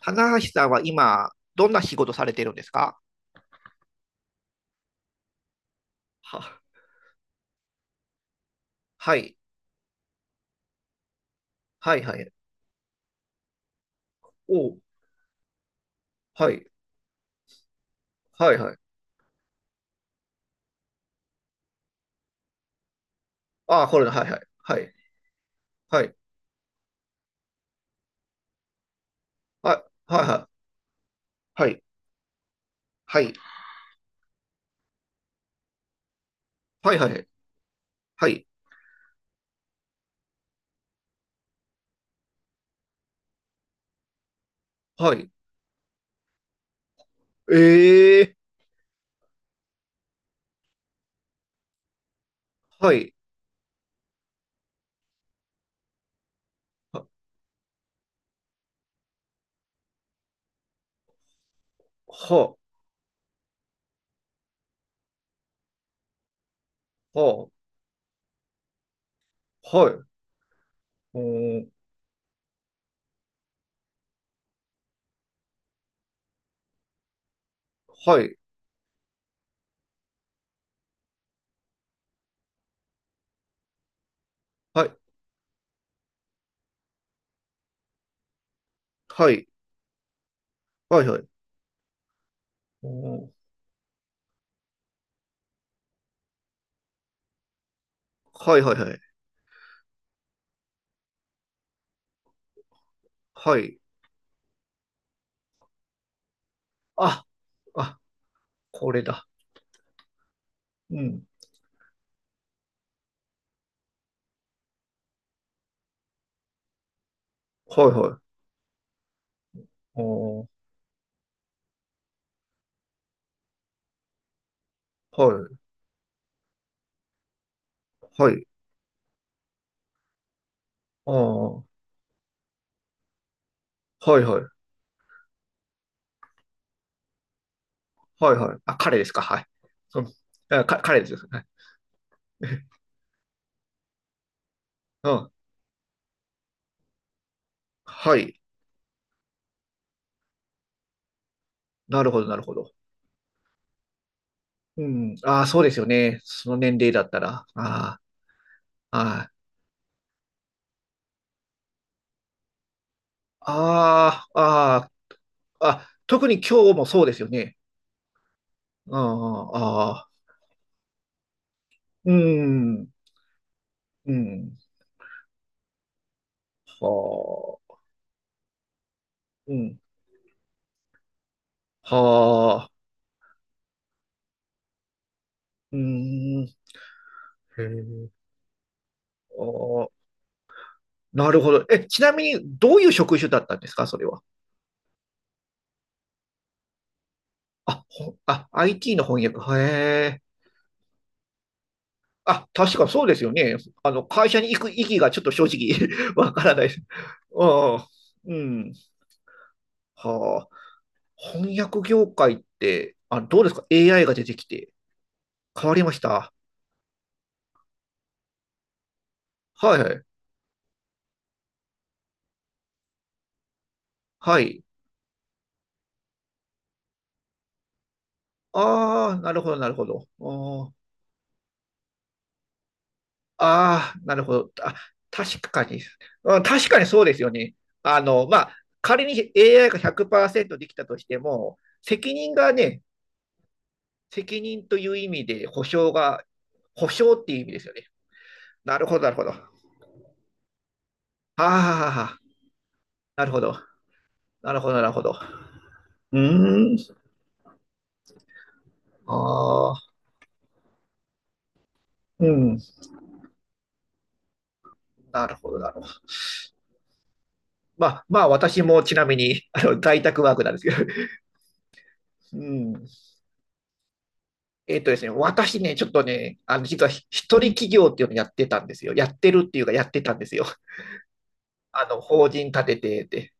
棚橋さんは今、どんな仕事されてるんですか？は、はい、はい、はい。おう、はい、はい、はい。ああ、これだ、はい、はい、はい、はい、はい、はい、はい、はい、はい、はい、はい、はい。ええはい、は、は、は、はい、うーん、はい、はい、はい、はい、はい、うーん、はい、はい、はい、はい。あ、あ、これだ。うん、はい、はい、うーん、はい、はい、ああ、はいはい。はいはい。あ、彼ですか。はい。うん。あ、彼ですよ。はい。うん。はい。なるほど、なるほど。うん。ああ、そうですよね。その年齢だったら。あ、ああ、ああ、あ特に今日もそうですよね。ああ、ああ、うん、うん。はあ、うん。はあ、うん。へえ。ああ、なるほど。え、ちなみに、どういう職種だったんですか、それは。IT の翻訳。へえ。あ、確かそうですよね。会社に行く意義がちょっと正直 わからないです。うん。うん。はあ。翻訳業界って、どうですか？ AI が出てきて。変わりました。はいはい。はい。ああ、なるほど、なるほど。ああー、なるほど。あ、確かに。うん、確かにそうですよね。まあ、仮に AI が100%できたとしても、責任がね、責任という意味で保証が、保証っていう意味ですよね。なるほど、なるほど。はあ、はあはあ、なるほど。なるほど、なるほど。うーん。ああ、うん。なるほど、なるほど。まあ、まあ、私もちなみに、在宅ワークなんですけど。うん。えっとですね、私ね、ちょっとね、実は一人企業っていうのやってたんですよ。やってるっていうか、やってたんですよ。法人立ててて。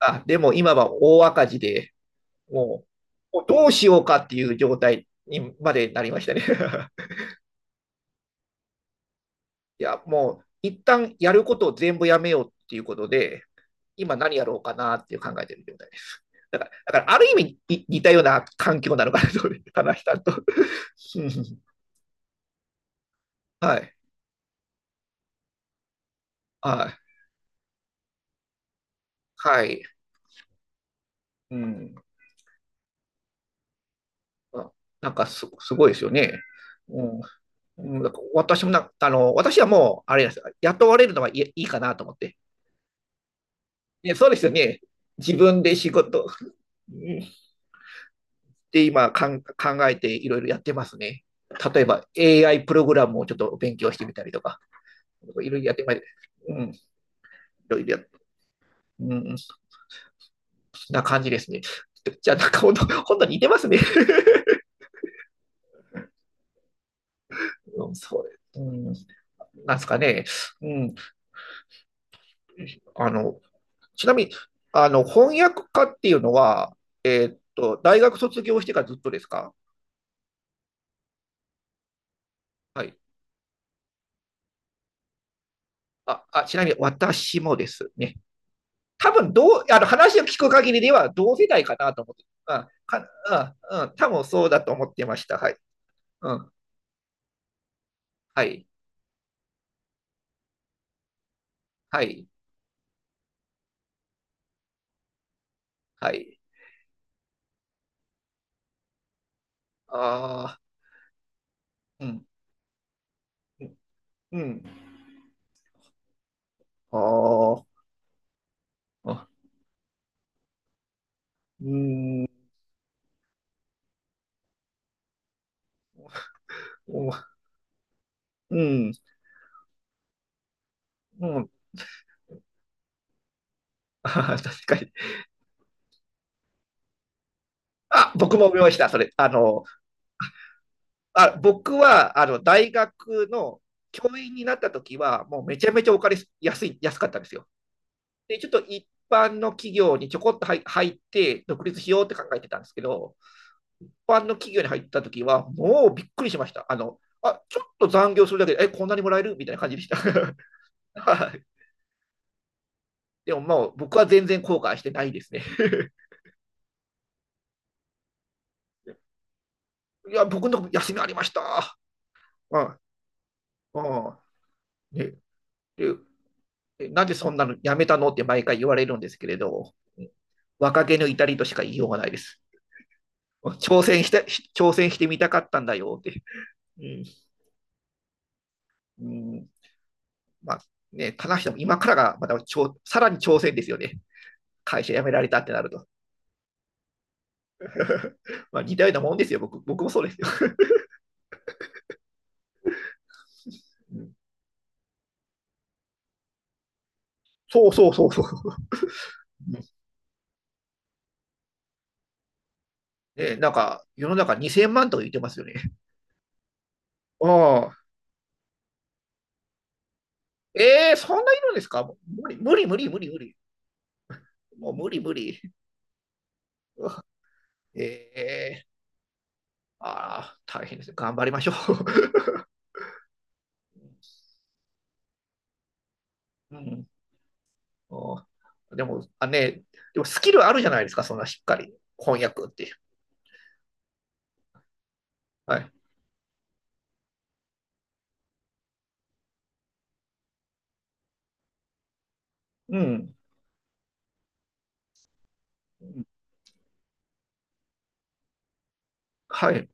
あ、でも今は大赤字で、ももうどうしようかっていう状態にまでなりましたね。いや、もう、一旦やることを全部やめようっていうことで、今何やろうかなっていう考えてる状態です。だからある意味に似たような環境なのかなと、話したと。はい、はい、はい。うん、なんかすごいですよね。うん、だから私もなあの、私はもう、あれです、雇われるのはい、いいかなと思って。ね、そうですよね。自分で仕事、で、今考えていろいろやってますね。例えば AI プログラムをちょっと勉強してみたりとか、いろいろやってまいうん、いろいろやって、うん、な感じですね。じゃあ、なんか本当似てますね。うん、そう、うん、なんですかね。うん。あの、ちなみに、翻訳家っていうのは、大学卒業してからずっとですか？はい。ちなみに私もですね。多分あの話を聞く限りでは同世代かなと思って、うんかうんうん、多分そうだと思ってました。はい。うん、はい。はい。はい。ああ、うん。うん。ああ、うん。うん。うん。うん。あー確かに。あ、僕も思いました、それ。あ、僕は、大学の教員になった時は、もうめちゃめちゃお金安かったんですよ。で、ちょっと一般の企業にちょこっと入って、独立しようって考えてたんですけど、一般の企業に入った時は、もうびっくりしました。ちょっと残業するだけで、こんなにもらえるみたいな感じでした。はい。でももう僕は全然後悔してないですね。いや、僕の休みありました。うん。うん。ね、で、なんでそんなのやめたのって毎回言われるんですけれど、若気の至りとしか言いようがないです。挑戦して、挑戦してみたかったんだよって。うん、うんまあね、必ずしも今からがまたさらに挑戦ですよね。会社辞められたってなると。まあ似たようなもんですよ、僕もそうですよ。うんそうそうそうそう。ね、なんか世の中2000万とか言ってますよね。ああ。えー、そんないるんですか？無理、無理、無理、無理、無理。もう無理、無理。えー、ああ、大変ですね。頑張りましょう。うん、おでも、ね、でもスキルあるじゃないですか、そんなしっかり。翻訳って。はい。うん。はい。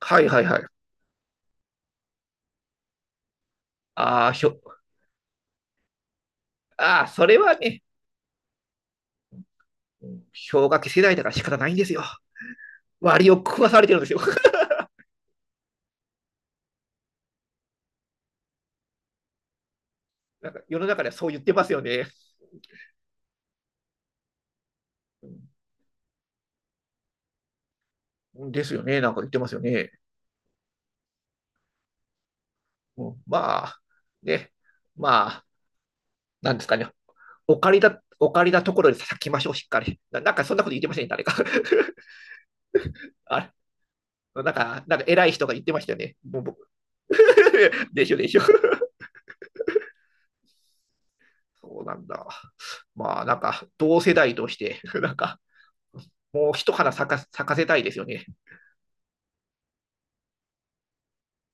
はいはいはい。ああ、ひょ、ああ、それはね、うん、氷河期世代だから仕方ないんですよ。割を食わされてるんですよ。なんか世の中ではそう言ってますよね。うん、ですよね。なんか言ってますよね。うんまあ、ね、まあ、なんですかね。お借りだところで咲きましょう、しっかり。なんかそんなこと言ってませんね、誰か。あれなんか、偉い人が言ってましたよね。もう僕 でしょでしょ。そうなんだ。まあ、なんか、同世代として、なんか、もう一花咲かせたいですよね。